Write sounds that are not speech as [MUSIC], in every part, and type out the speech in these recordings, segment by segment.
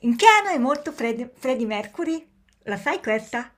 In che anno è morto Freddie Mercury? La sai questa?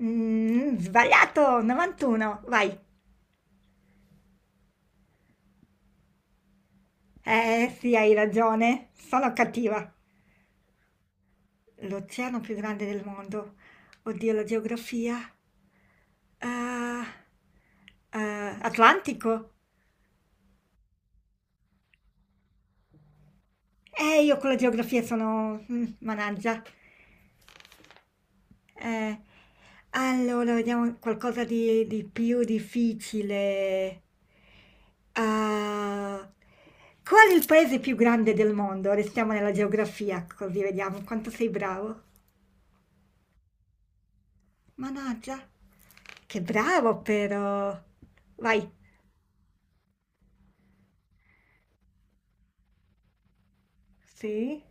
Sbagliato, 91, vai. Eh sì, hai ragione, sono cattiva. L'oceano più grande del mondo. Oddio, la geografia. Ah, ah, Atlantico? Io con la geografia sono, managgia. Eh, allora, vediamo qualcosa di più difficile. Ah, qual è il paese più grande del mondo? Restiamo nella geografia, così vediamo quanto sei bravo. Mannaggia, che bravo però. Vai. Sì?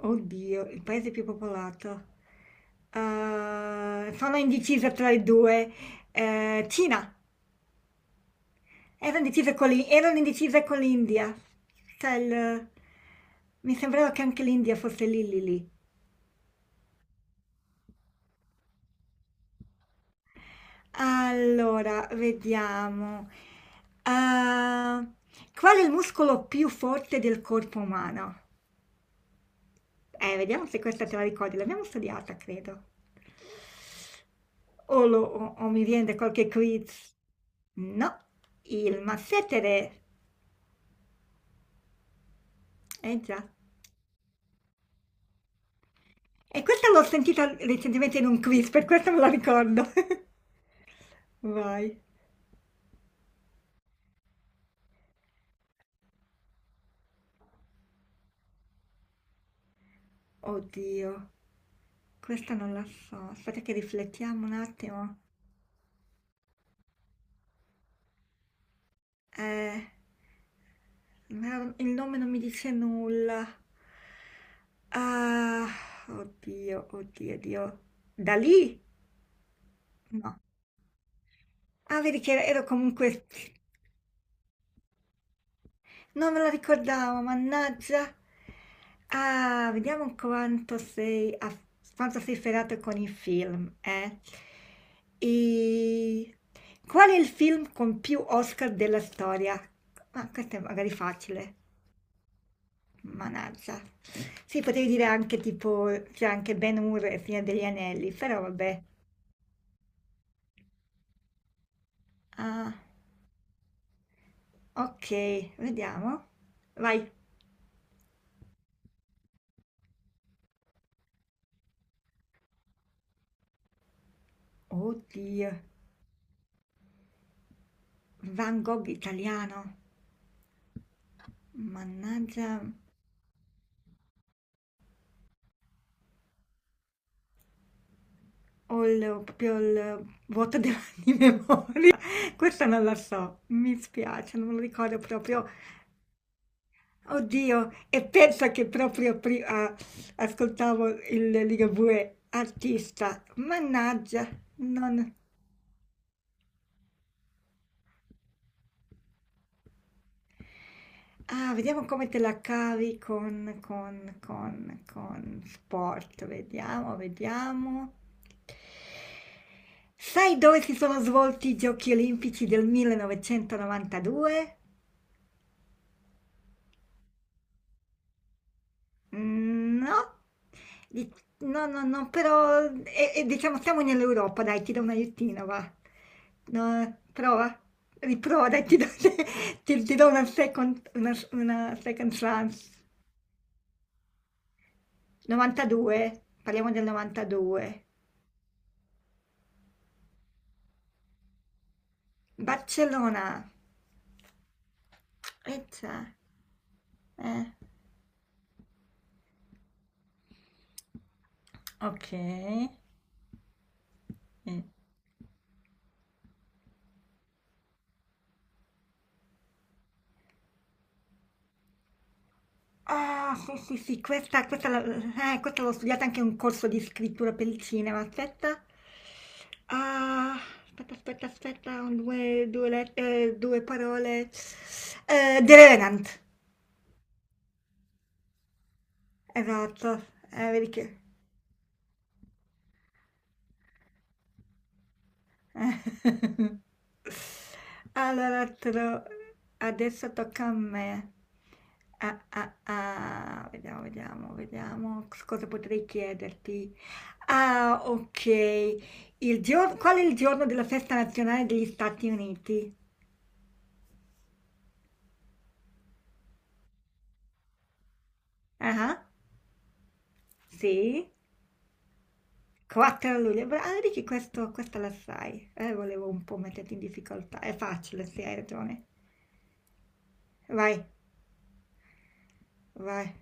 Oddio, il paese più popolato. Ah, sono indecisa tra i due. Cina. Erano indecise con l'India. Cioè, mi sembrava che anche l'India fosse lì lì lì. Allora, vediamo. Ah, qual è il muscolo più forte del corpo umano? Vediamo se questa te la ricordi. L'abbiamo studiata, credo. O mi viene da qualche quiz. No, il massetere. Eh già. E questa l'ho sentita recentemente in un quiz, per questo me la ricordo. [LAUGHS] Vai. Oddio, questa non la so. Aspetta che riflettiamo un attimo. Eh, no, il nome non mi dice nulla. Ah, oddio, oddio, oddio. Da lì? No. Ah, vedi che ero comunque. Non me lo ricordavo, mannaggia. Ah, vediamo quanto sei, ferrato con i film, eh? E... Qual è il film con più Oscar della storia? Ma questo è magari facile, mannaggia. Sì, potevi dire anche tipo, c'è anche Ben-Hur e Signore degli Anelli, però vabbè. Ah, ok, vediamo. Vai. Oddio, Van Gogh italiano. Mannaggia. Ho il proprio il vuoto de [LAUGHS] di memoria. Questa non la so, mi spiace, non me lo ricordo proprio. Oddio, e pensa che proprio prima ascoltavo il Ligabue artista. Mannaggia, non... Ah, vediamo come te la cavi con sport. Vediamo, vediamo. Sai dove si sono svolti i Giochi Olimpici del 1992? Mhmm, no. Di No, no, no, però e diciamo siamo nell'Europa, dai, ti do un aiutino, va. No, prova, riprova, dai, ti do [LAUGHS] ti do una second chance. 92, parliamo del 92. Barcellona. Eccia, eh. Okay, mh. Ah, sì, sì, sì, questa l'ho studiata anche in un corso di scrittura per il cinema. Aspetta. Ah, aspetta, aspetta, aspetta, un, due, due, let- due parole. The Revenant. Esatto. Vedi che... [LAUGHS] Allora, adesso tocca a me. Ah, ah, ah, vediamo, vediamo, vediamo cosa potrei chiederti. Ah, ok. Qual è il giorno della festa nazionale degli Stati Uniti? Ah, sì, 4 luglio. Ah, vedi che questa la sai. Volevo un po' metterti in difficoltà. È facile, sì, hai ragione. Vai, vai.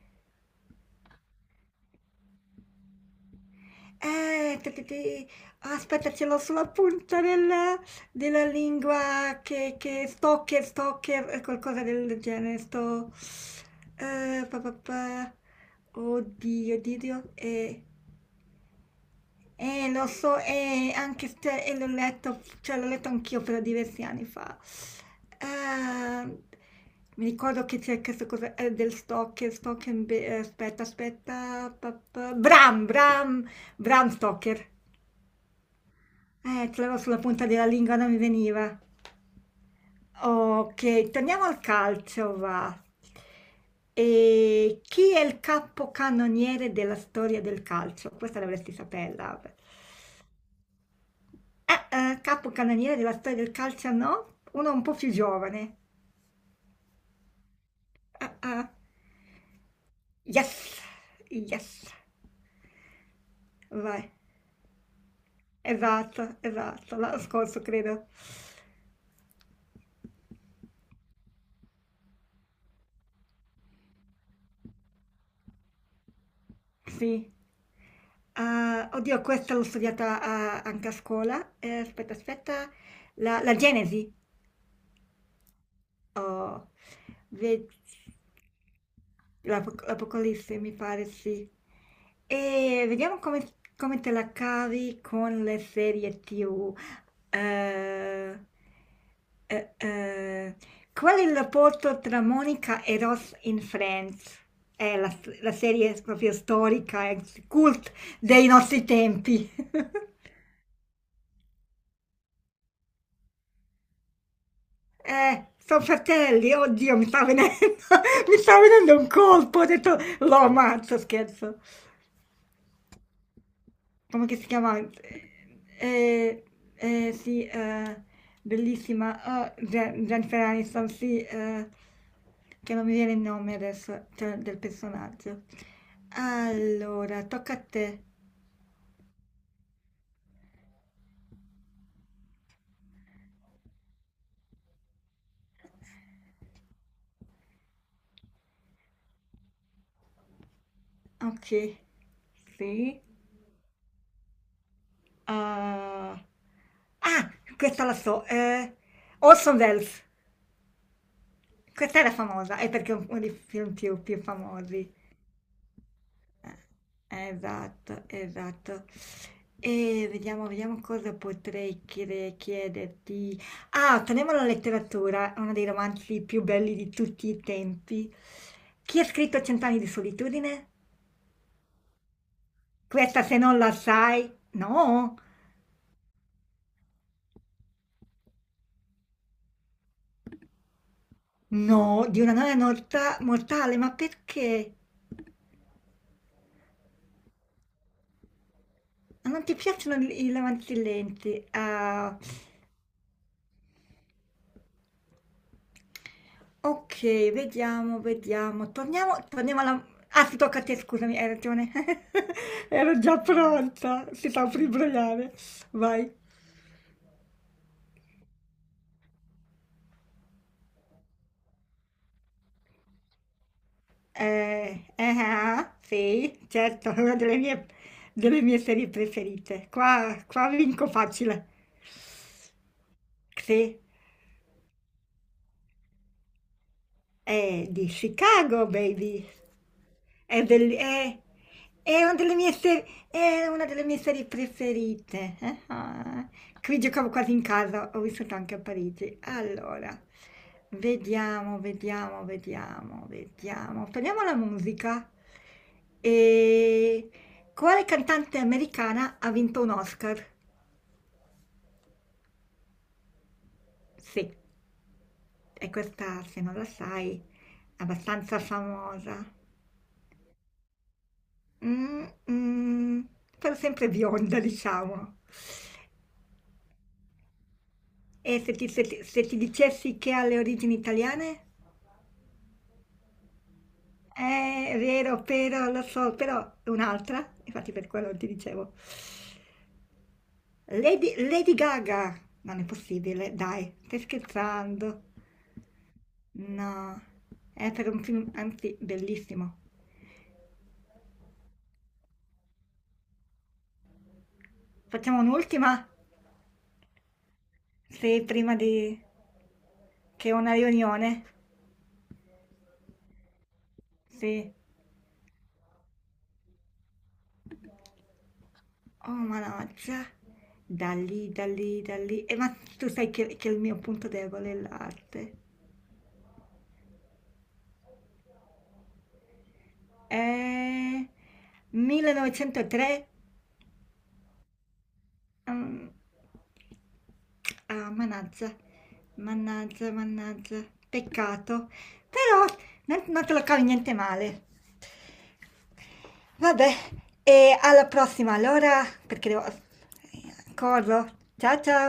Eh, te- te- te- Aspetta, ce l'ho sulla punta della lingua che stalker, qualcosa del genere. Sto. Pa, pa, pa. Oddio, oddio. Eh, lo so, anche se l'ho letto, cioè l'ho letto anch'io però diversi anni fa. Eh, Mi ricordo che c'è questa cosa del aspetta, aspetta, Bram Stoker. Ce l'avevo sulla punta della lingua, non mi veniva. Ok, torniamo al calcio, va. E chi è il capocannoniere della storia del calcio? Questa dovresti saperla. Capocannoniere della storia del calcio, no? Uno un po' più giovane. Ah, ah. Yes, yes, vai. Esatto, esatto, l'anno scorso credo. Sì. Ah, oddio, questa l'ho studiata anche a scuola. Aspetta, aspetta. La Genesi. Oh, ve- l'Apocalisse mi pare sì. E vediamo come te la cavi con le serie TV. Eh, eh, eh, Qual è il rapporto tra Monica e Ross in Friends? È la serie proprio storica, è cult dei nostri tempi. [LAUGHS] Sono fratelli, oddio, [LAUGHS] mi sta venendo un colpo, ho detto, lo ammazzo, scherzo. Come che si chiama? Eh, sì, bellissima, oh, Jennifer Aniston, sì, che non mi viene il nome adesso, cioè, del personaggio. Allora, tocca a te. Ok, sì. Ah, ah, questa la so, Orson Welles. Questa era famosa, è perché è uno dei film più famosi. Eh, Esatto, esatto. E vediamo, vediamo cosa potrei chiederti. Ah, torniamo alla letteratura, uno dei romanzi più belli di tutti i tempi. Chi ha scritto Cent'anni di solitudine? Questa se non la sai, no, no, di una noia mortale, ma perché? Ma non ti piacciono i romanzi lenti? Ah, ok, vediamo, vediamo. Torniamo, torniamo alla... Ah, si tocca a te, scusami, hai ragione. [LAUGHS] Ero già pronta. Si sta per imbrogliare. Vai. Ah, sì, certo, è una delle mie serie preferite. Qua vinco facile. Sì, è di Chicago, baby. È, belli- è- è una delle mie serie, è una delle mie serie preferite. Ah. Qui giocavo quasi in casa, ho vissuto anche a Parigi. Allora, vediamo. Torniamo alla musica. E quale cantante americana ha vinto un Oscar? Sì, e questa, se non la sai, è abbastanza famosa. Mm, mm, Però sempre bionda, diciamo. E se ti dicessi che ha le origini italiane? È vero, però lo so, però è un'altra, infatti per quello ti dicevo. Lady, Lady Gaga! Non è possibile, dai, stai scherzando. No, è per un film, anzi, bellissimo. Facciamo un'ultima? Sì, prima di, che ho una riunione. Sì. Oh, mannaggia. Da lì, da lì, da lì. Ma tu sai che il mio punto debole è l'arte. Eh, 1903? Mm, ah, mannaggia, mannaggia, mannaggia, peccato. Però non te lo cavi niente male. Vabbè, e alla prossima allora, perché devo... Corro. Ciao ciao!